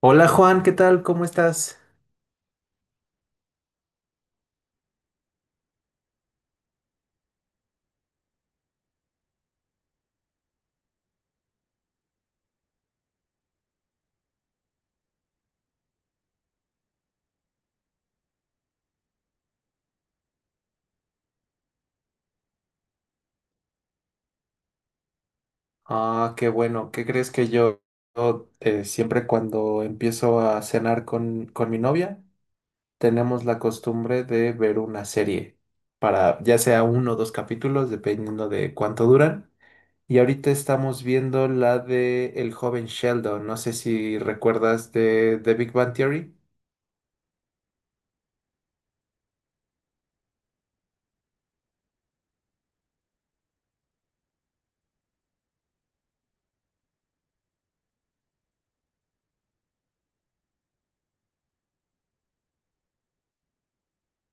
Hola Juan, ¿qué tal? ¿Cómo estás? Ah, qué bueno. ¿Qué crees que yo siempre cuando empiezo a cenar con mi novia, tenemos la costumbre de ver una serie para ya sea uno o dos capítulos, dependiendo de cuánto duran. Y ahorita estamos viendo la de El joven Sheldon. No sé si recuerdas de The Big Bang Theory.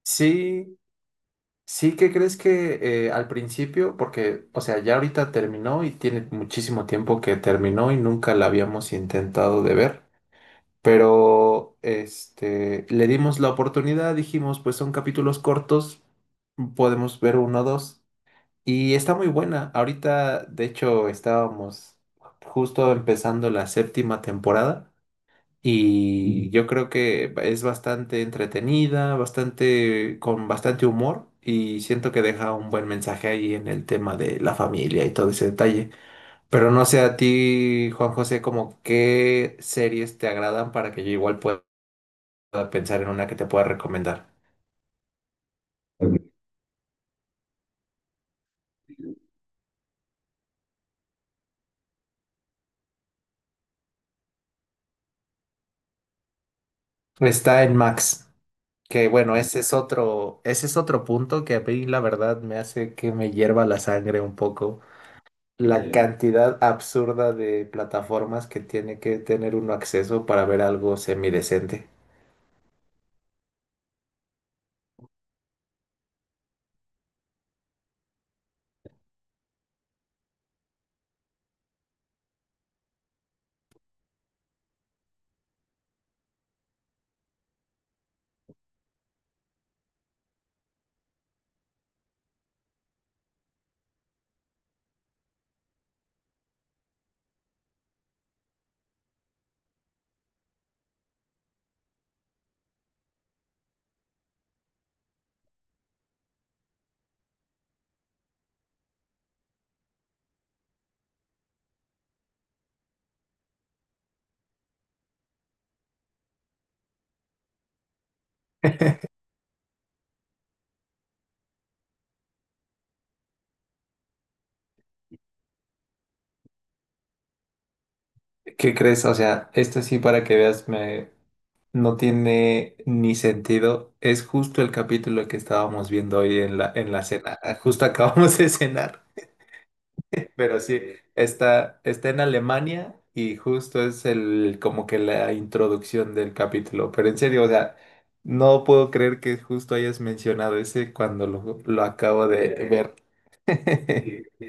Sí, sí, ¿qué crees que al principio? Porque, o sea, ya ahorita terminó y tiene muchísimo tiempo que terminó y nunca la habíamos intentado de ver. Pero, este, le dimos la oportunidad, dijimos, pues son capítulos cortos, podemos ver uno o dos. Y está muy buena. Ahorita, de hecho, estábamos justo empezando la séptima temporada. Y yo creo que es bastante entretenida, bastante, con bastante humor, y siento que deja un buen mensaje ahí en el tema de la familia y todo ese detalle. Pero no sé a ti, Juan José, como qué series te agradan para que yo igual pueda pensar en una que te pueda recomendar. Está en Max, que bueno, ese es otro punto que a mí la verdad me hace que me hierva la sangre un poco la cantidad absurda de plataformas que tiene que tener uno acceso para ver algo semidecente. ¿Qué crees? O sea, esto sí para que veas, me no tiene ni sentido. Es justo el capítulo que estábamos viendo hoy en la cena. Justo acabamos de cenar. Pero sí, está en Alemania y justo es el como que la introducción del capítulo. Pero en serio, o sea, no puedo creer que justo hayas mencionado ese cuando lo acabo de ver. Sí.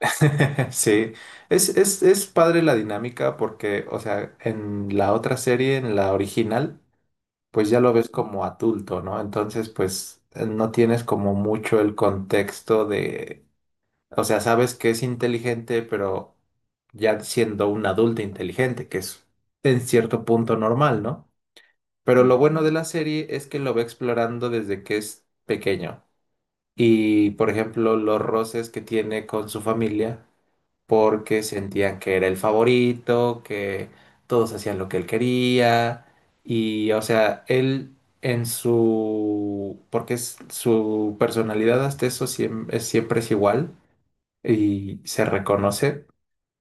Sí. Es padre la dinámica porque, o sea, en la otra serie, en la original, pues ya lo ves como adulto, ¿no? Entonces, pues no tienes como mucho el contexto de, o sea, sabes que es inteligente, pero ya siendo un adulto inteligente, que es en cierto punto normal, ¿no? Pero lo bueno de la serie es que lo va explorando desde que es pequeño. Y, por ejemplo, los roces que tiene con su familia porque sentían que era el favorito, que todos hacían lo que él quería y o sea, él en su, porque es, su personalidad hasta eso siem- es- siempre es igual y se reconoce,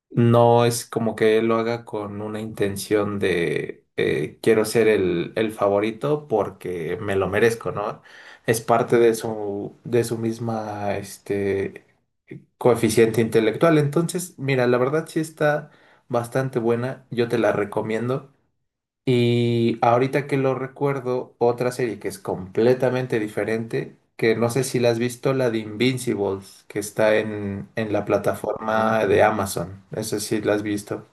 no es como que él lo haga con una intención de quiero ser el favorito porque me lo merezco, ¿no? Es parte de su misma, este, coeficiente intelectual. Entonces, mira, la verdad sí está bastante buena, yo te la recomiendo. Y ahorita que lo recuerdo, otra serie que es completamente diferente, que no sé si la has visto, la de Invincibles, que está en la plataforma de Amazon. Eso sí la has visto.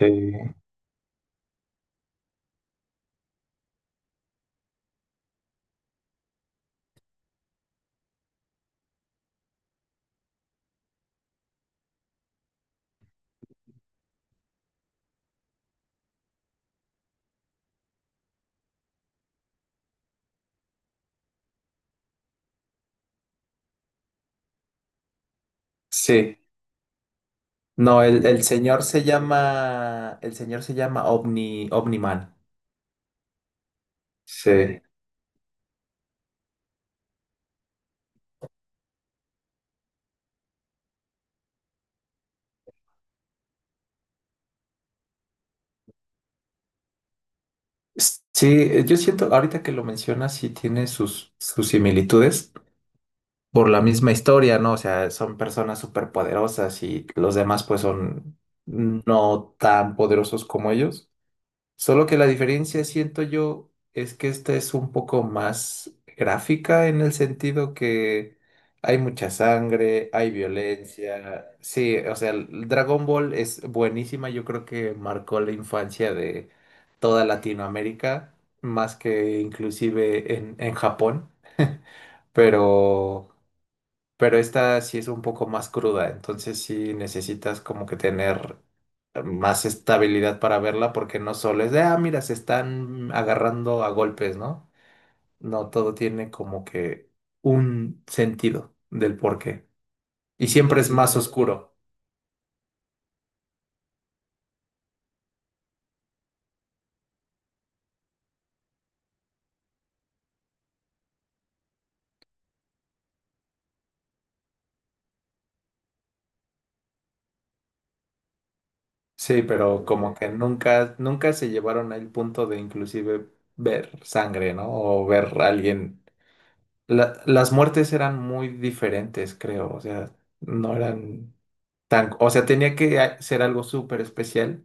Sí. Sí. No, el señor se llama, el señor se llama Omniman. Sí. Sí, yo siento, ahorita que lo mencionas, sí tiene sus similitudes por la misma historia, ¿no? O sea, son personas súper poderosas y los demás pues son no tan poderosos como ellos. Solo que la diferencia, siento yo, es que esta es un poco más gráfica en el sentido que hay mucha sangre, hay violencia. Sí, o sea, el Dragon Ball es buenísima, yo creo que marcó la infancia de toda Latinoamérica, más que inclusive en Japón, pero pero esta sí es un poco más cruda, entonces sí necesitas como que tener más estabilidad para verla porque no solo es de, ah, mira, se están agarrando a golpes, ¿no? No, todo tiene como que un sentido del porqué. Y siempre es más oscuro, sí, pero como que nunca, nunca se llevaron al punto de inclusive ver sangre, ¿no? O ver a alguien. Las muertes eran muy diferentes, creo, o sea, no eran... Tan, o sea, tenía que ser algo súper especial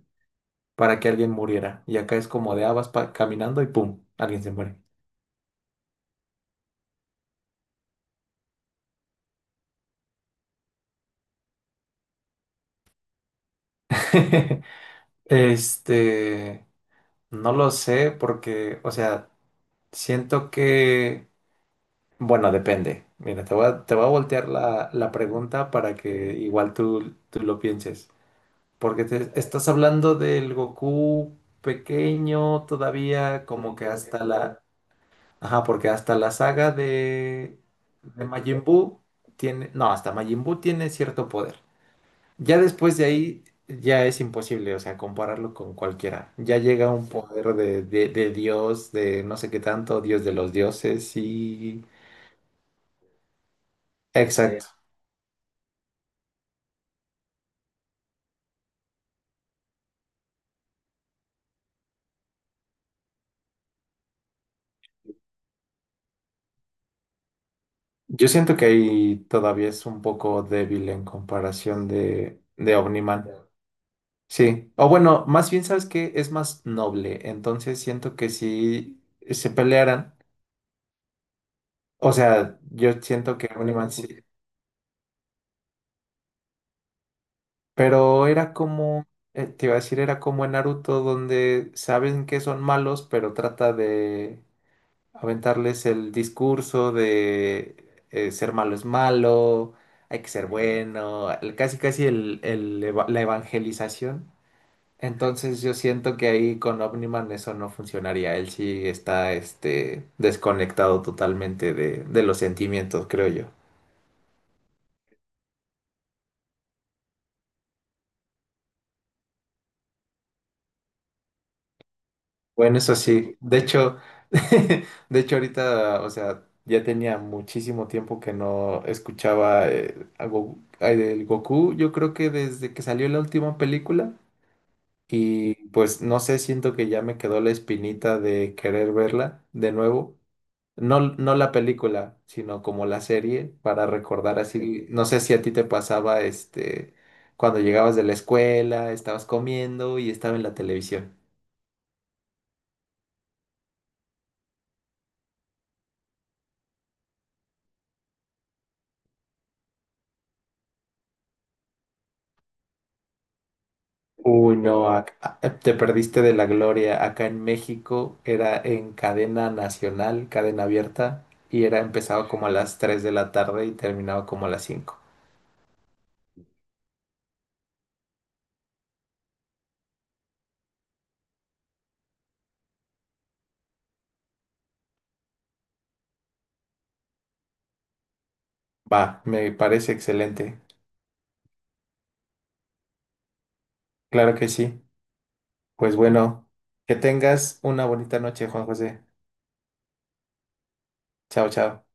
para que alguien muriera. Y acá es como de habas caminando y ¡pum! Alguien se muere. Este, no lo sé porque, o sea, siento que, bueno, depende. Mira, te voy a voltear la pregunta para que igual tú lo pienses. Porque estás hablando del Goku pequeño todavía, como que hasta la... Ajá, porque hasta de Majin Buu tiene, no, hasta Majin Buu tiene cierto poder. Ya después de ahí ya es imposible, o sea, compararlo con cualquiera. Ya llega un poder de Dios, de no sé qué tanto, Dios de los dioses y... Sí. Exacto. Yo siento que ahí todavía es un poco débil en comparación de Omniman. Sí, o bueno, más bien sabes que es más noble, entonces siento que si se pelearan. O sea, yo siento que un imán sí. Pero era como, te iba a decir, era como en Naruto, donde saben que son malos, pero trata de aventarles el discurso de ser malo es malo, hay que ser bueno, casi casi la evangelización. Entonces yo siento que ahí con Omniman eso no funcionaría. Él sí está este, desconectado totalmente de los sentimientos, creo yo. Bueno, eso sí. De hecho, de hecho ahorita, o sea, ya tenía muchísimo tiempo que no escuchaba a el Goku, yo creo que desde que salió la última película. Y pues no sé, siento que ya me quedó la espinita de querer verla de nuevo. No, no la película, sino como la serie, para recordar así. No sé si a ti te pasaba este cuando llegabas de la escuela, estabas comiendo y estaba en la televisión. Uy, no, te perdiste de la gloria. Acá en México era en cadena nacional, cadena abierta, y era empezaba como a las 3 de la tarde y terminaba como a las 5. Va, me parece excelente. Claro que sí. Pues bueno, que tengas una bonita noche, Juan José. Chao, chao.